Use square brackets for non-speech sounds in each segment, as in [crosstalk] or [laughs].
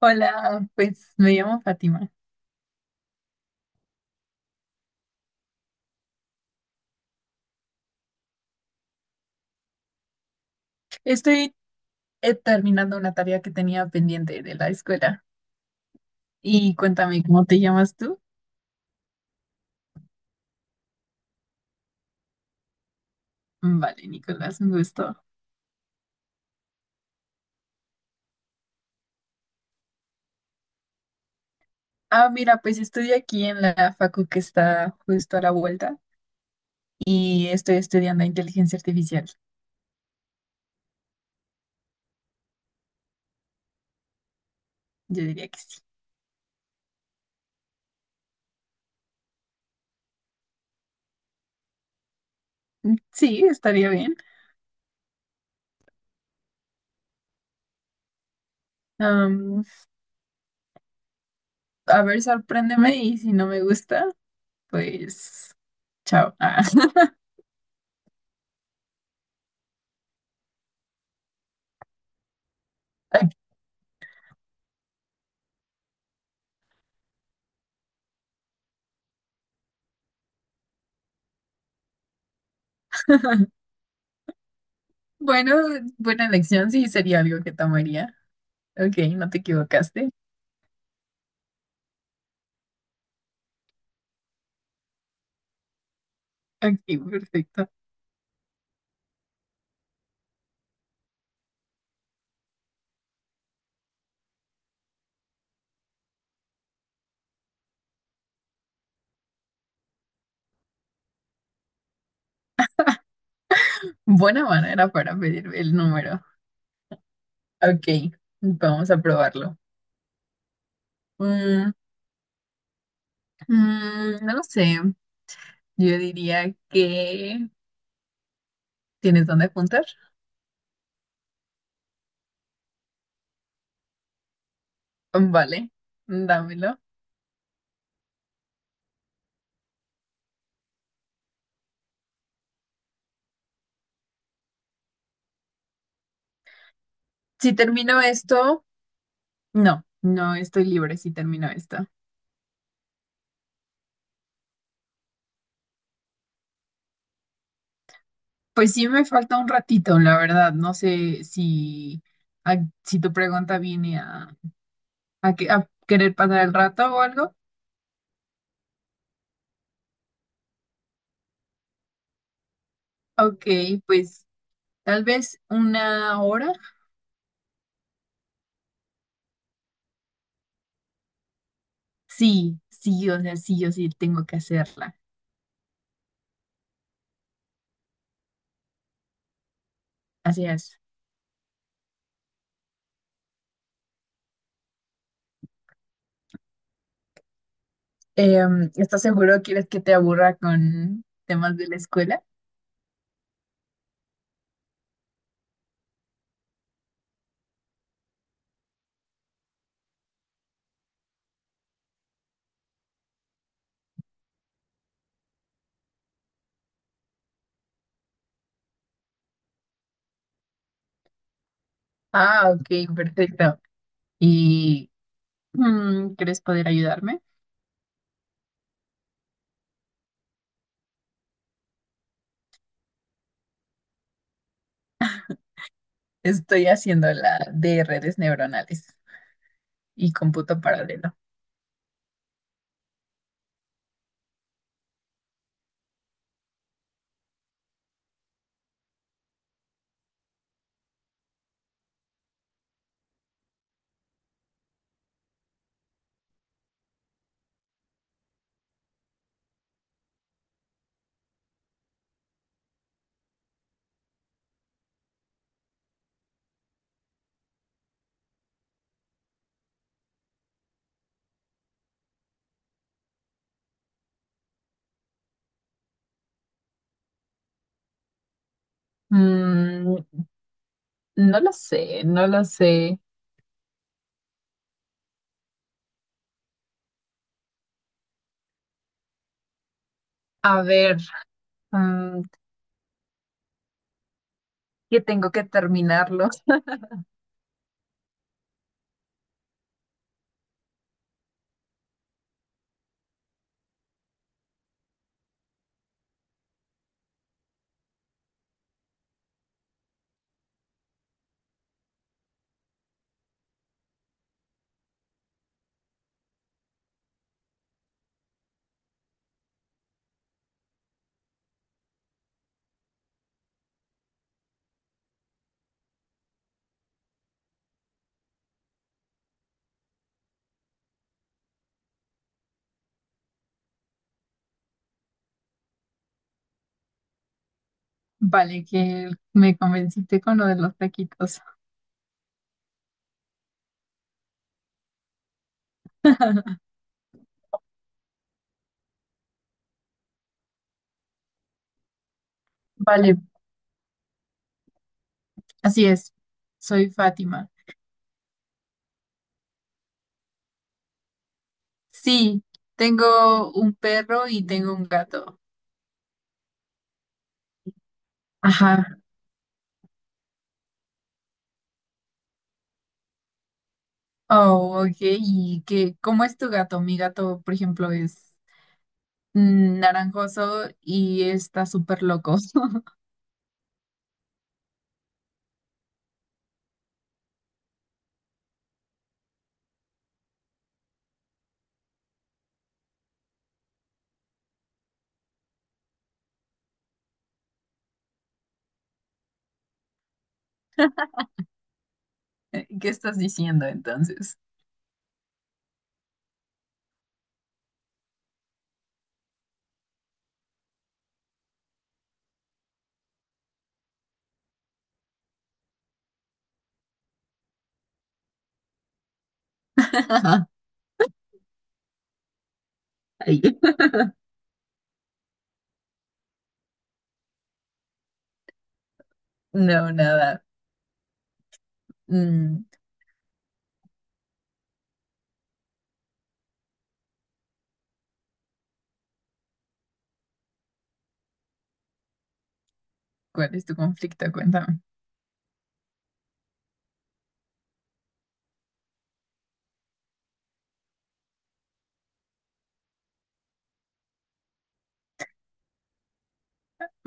Hola, pues me llamo Fátima. Estoy terminando una tarea que tenía pendiente de la escuela. Y cuéntame, ¿cómo te llamas tú? Vale, Nicolás, un gusto. Ah, mira, pues estoy aquí en la facu que está justo a la vuelta y estoy estudiando inteligencia artificial. Yo diría que sí. Mm, sí, estaría bien. Am, a ver, sorpréndeme y si no me gusta, pues chao. Ah. [laughs] Bueno, buena elección, sí, sería algo que tomaría. Ok, no te equivocaste. Ok, perfecto. Buena manera para pedir el número. Ok, vamos a probarlo. Mm, mm, no lo sé. Yo diría que… ¿Tienes dónde apuntar? Vale, dámelo. Si termino esto… No, no estoy libre si termino esto. Pues sí me falta un ratito, la verdad. No sé si, a- si tu pregunta viene a, a querer pasar el rato o algo. Ok, pues tal vez una hora. Sí, sí, o sea, sí, yo sí tengo que hacerla. Así es. ¿Estás seguro? ¿Quieres que te aburra con temas de la escuela? Ah, ok, perfecto. ¿Y quieres poder ayudarme? Estoy haciendo la de redes neuronales y cómputo paralelo. Mm, no lo sé. A ver, mm, que tengo que terminarlo. [laughs] Vale, que me convenciste con lo de los taquitos. Vale, así es. Soy Fátima. Sí, tengo un perro y tengo un gato. Ajá. Oh, ok. ¿Y qué, cómo es tu gato? Mi gato, por ejemplo, es naranjoso y está súper loco. [laughs] ¿Qué estás diciendo entonces? [laughs] Ay, no, nada. Mm, ¿cuál es tu conflicto? Cuéntame.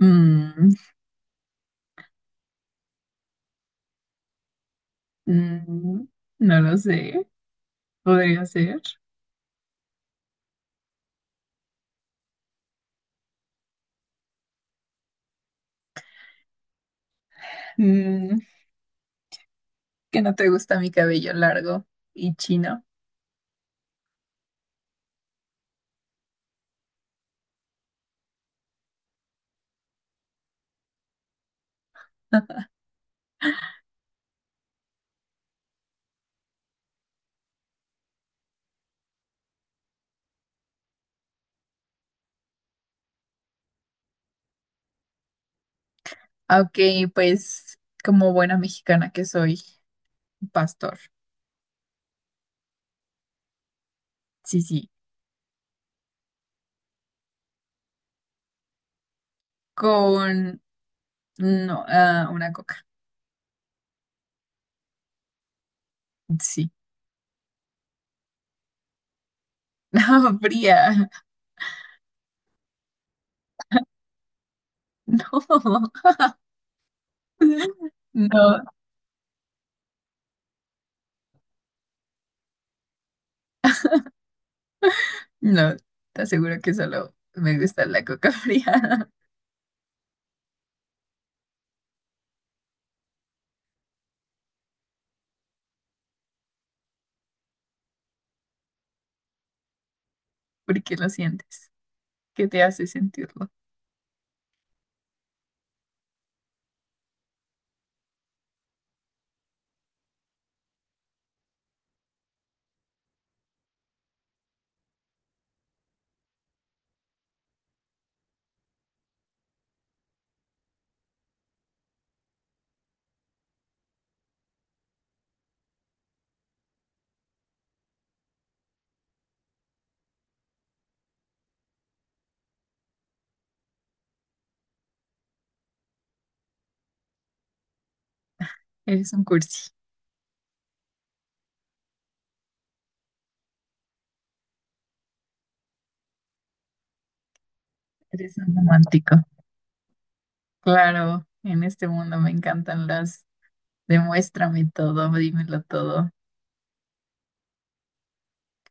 Mm, mm, no lo sé. Podría ser. Mm, que no te gusta mi cabello largo y chino. Aunque, pues, como buena mexicana que soy, pastor. Sí, sí. Con no, ah, una coca. Sí. [laughs] No, fría. No. [laughs] No, no. Te aseguro que solo me gusta la coca fría. [laughs] Porque lo sientes. ¿Qué te hace sentirlo? Eres un cursi. Eres un romántico. Claro, en este mundo me encantan las. Demuéstrame todo, dímelo todo.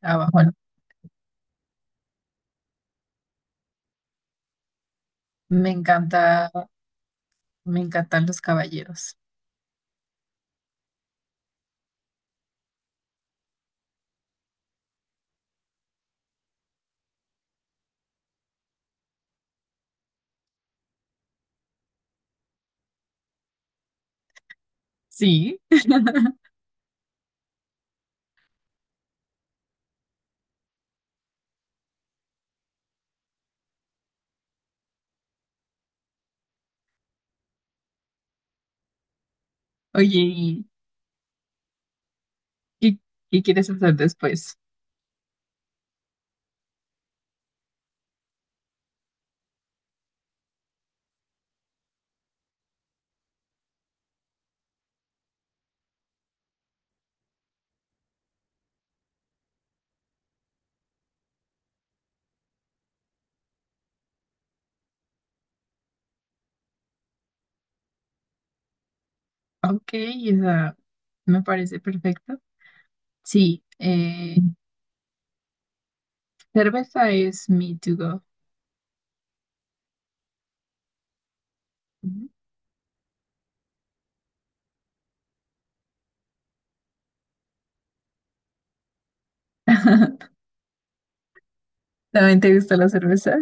Abajo. Me encanta. Me encantan los caballeros. Sí. [laughs] Oye, ¿y qué, qué quieres hacer después? Ok, esa me parece perfecto. Sí, cerveza es mi to go. Ujú. [laughs] ¿También te gusta la cerveza?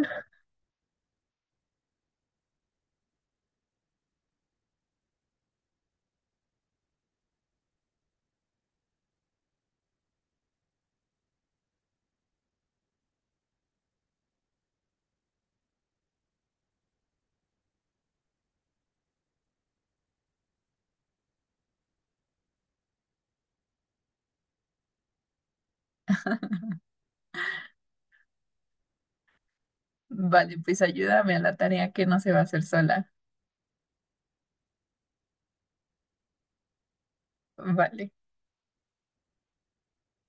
Vale, pues ayúdame a la tarea que no se va a hacer sola. Vale.